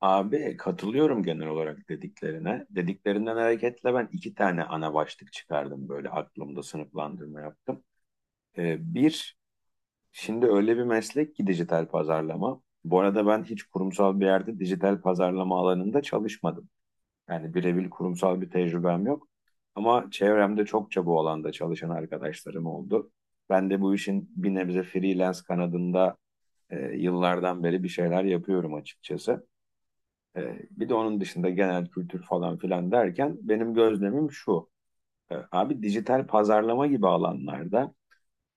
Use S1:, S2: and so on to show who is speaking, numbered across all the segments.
S1: Abi katılıyorum genel olarak dediklerine. Dediklerinden hareketle ben iki tane ana başlık çıkardım böyle aklımda sınıflandırma yaptım. Ee, bir, şimdi öyle bir meslek ki dijital pazarlama. Bu arada ben hiç kurumsal bir yerde dijital pazarlama alanında çalışmadım. Yani birebir kurumsal bir tecrübem yok. Ama çevremde çokça bu alanda çalışan arkadaşlarım oldu. Ben de bu işin bir nebze freelance kanadında yıllardan beri bir şeyler yapıyorum açıkçası. Bir de onun dışında genel kültür falan filan derken benim gözlemim şu. Abi dijital pazarlama gibi alanlarda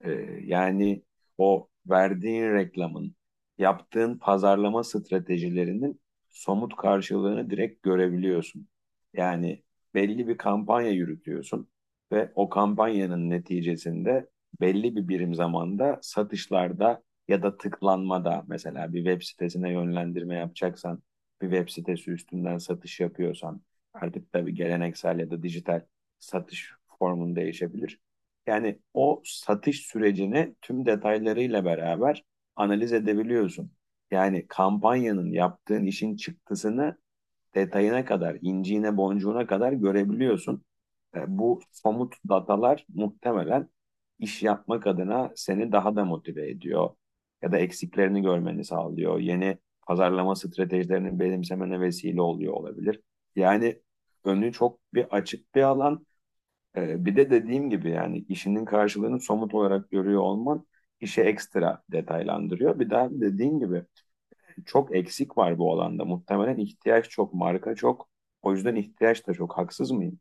S1: yani o verdiğin reklamın, yaptığın pazarlama stratejilerinin somut karşılığını direkt görebiliyorsun. Yani belli bir kampanya yürütüyorsun ve o kampanyanın neticesinde belli bir birim zamanda satışlarda ya da tıklanmada mesela bir web sitesine yönlendirme yapacaksan, bir web sitesi üstünden satış yapıyorsan, artık tabii geleneksel ya da dijital satış formun değişebilir. Yani o satış sürecini tüm detaylarıyla beraber analiz edebiliyorsun. Yani kampanyanın yaptığın işin çıktısını detayına kadar, inciğine, boncuğuna kadar görebiliyorsun. Bu somut datalar muhtemelen iş yapmak adına seni daha da motive ediyor ya da eksiklerini görmeni sağlıyor. Yeni pazarlama stratejilerini benimsemene vesile oluyor olabilir. Yani önü çok bir açık bir alan. Bir de dediğim gibi yani işinin karşılığını somut olarak görüyor olman işe ekstra detaylandırıyor. Bir daha dediğim gibi çok eksik var bu alanda. Muhtemelen ihtiyaç çok, marka çok. O yüzden ihtiyaç da çok. Haksız mıyım?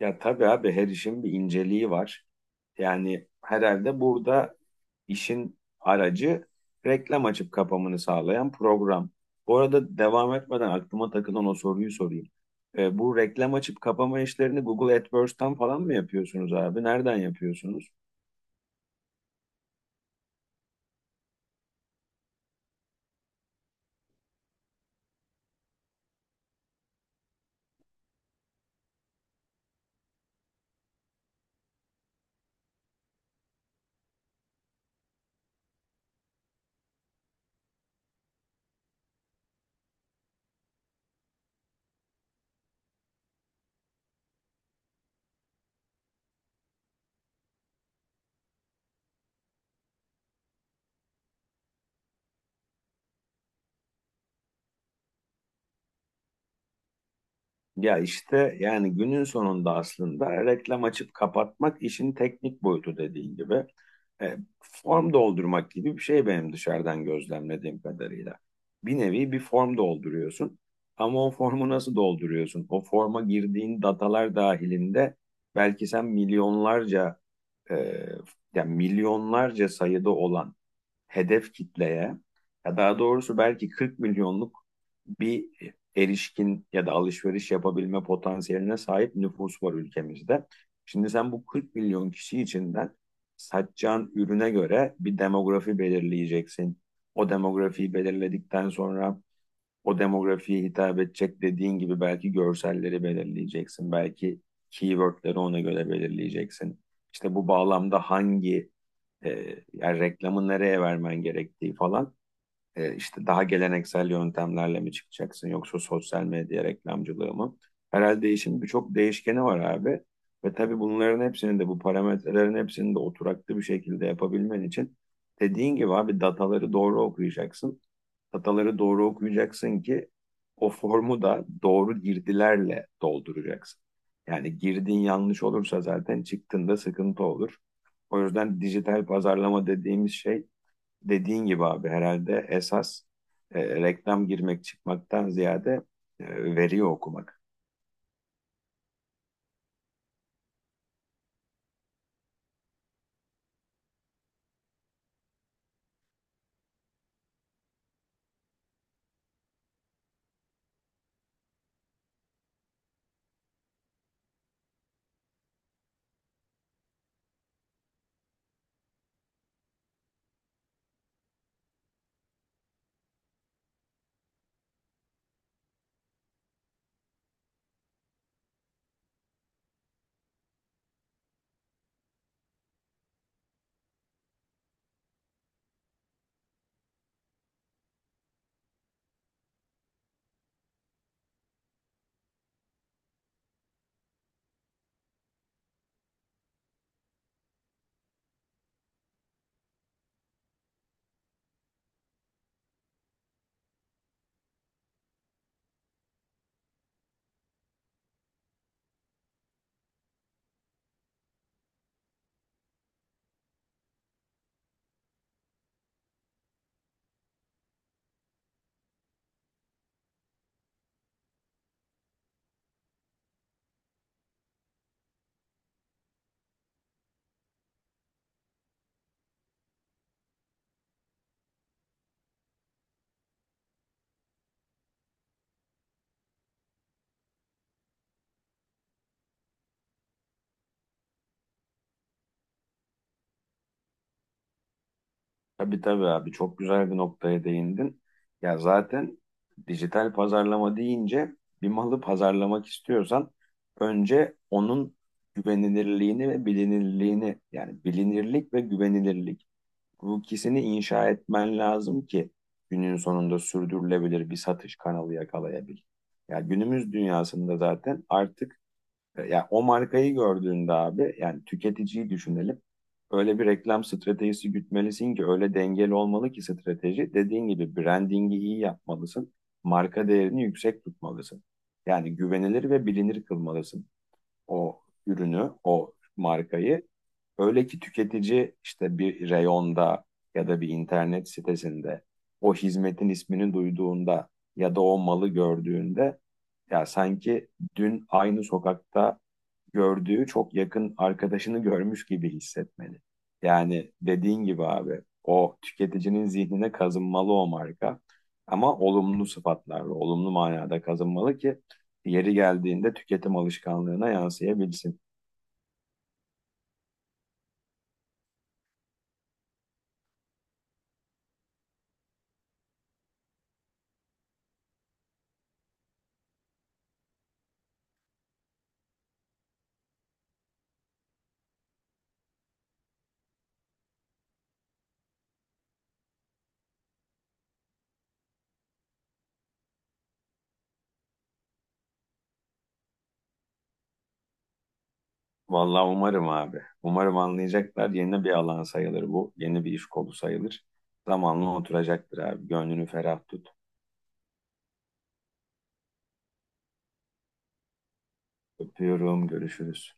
S1: Ya tabii abi her işin bir inceliği var. Yani herhalde burada İşin aracı reklam açıp kapamını sağlayan program. Bu arada devam etmeden aklıma takılan o soruyu sorayım. Bu reklam açıp kapama işlerini Google AdWords'tan falan mı yapıyorsunuz abi? Nereden yapıyorsunuz? Ya işte yani günün sonunda aslında reklam açıp kapatmak işin teknik boyutu dediğin gibi. Form doldurmak gibi bir şey benim dışarıdan gözlemlediğim kadarıyla. Bir nevi bir form dolduruyorsun. Ama o formu nasıl dolduruyorsun? O forma girdiğin datalar dahilinde belki sen milyonlarca e, yani milyonlarca sayıda olan hedef kitleye ya daha doğrusu belki 40 milyonluk bir erişkin ya da alışveriş yapabilme potansiyeline sahip nüfus var ülkemizde. Şimdi sen bu 40 milyon kişi içinden satacağın ürüne göre bir demografi belirleyeceksin. O demografiyi belirledikten sonra o demografiye hitap edecek dediğin gibi belki görselleri belirleyeceksin. Belki keywordleri ona göre belirleyeceksin. İşte bu bağlamda hangi e, yani reklamı nereye vermen gerektiği falan. İşte daha geleneksel yöntemlerle mi çıkacaksın yoksa sosyal medya reklamcılığı mı? Herhalde işin birçok değişkeni var abi. Ve tabii bunların hepsini de bu parametrelerin hepsini de oturaklı bir şekilde yapabilmen için dediğin gibi abi dataları doğru okuyacaksın. Hataları doğru okuyacaksın ki o formu da doğru girdilerle dolduracaksın. Yani girdin yanlış olursa zaten çıktığında sıkıntı olur. O yüzden dijital pazarlama dediğimiz şey dediğin gibi abi herhalde esas reklam girmek çıkmaktan ziyade e, veriyi okumak. Tabii tabii abi çok güzel bir noktaya değindin. Ya zaten dijital pazarlama deyince bir malı pazarlamak istiyorsan önce onun güvenilirliğini ve bilinirliğini yani bilinirlik ve güvenilirlik bu ikisini inşa etmen lazım ki günün sonunda sürdürülebilir bir satış kanalı yakalayabil. Ya günümüz dünyasında zaten artık yani o markayı gördüğünde abi yani tüketiciyi düşünelim. Öyle bir reklam stratejisi gütmelisin ki öyle dengeli olmalı ki strateji. Dediğin gibi brandingi iyi yapmalısın. Marka değerini yüksek tutmalısın. Yani güvenilir ve bilinir kılmalısın o ürünü, o markayı. Öyle ki tüketici işte bir reyonda ya da bir internet sitesinde o hizmetin ismini duyduğunda ya da o malı gördüğünde ya sanki dün aynı sokakta gördüğü çok yakın arkadaşını görmüş gibi hissetmeli. Yani dediğin gibi abi o tüketicinin zihnine kazınmalı o marka ama olumlu sıfatlarla, olumlu manada kazınmalı ki yeri geldiğinde tüketim alışkanlığına yansıyabilsin. Vallahi umarım abi. Umarım anlayacaklar. Yeni bir alan sayılır bu. Yeni bir iş kolu sayılır. Zamanla oturacaktır abi. Gönlünü ferah tut. Öpüyorum. Görüşürüz.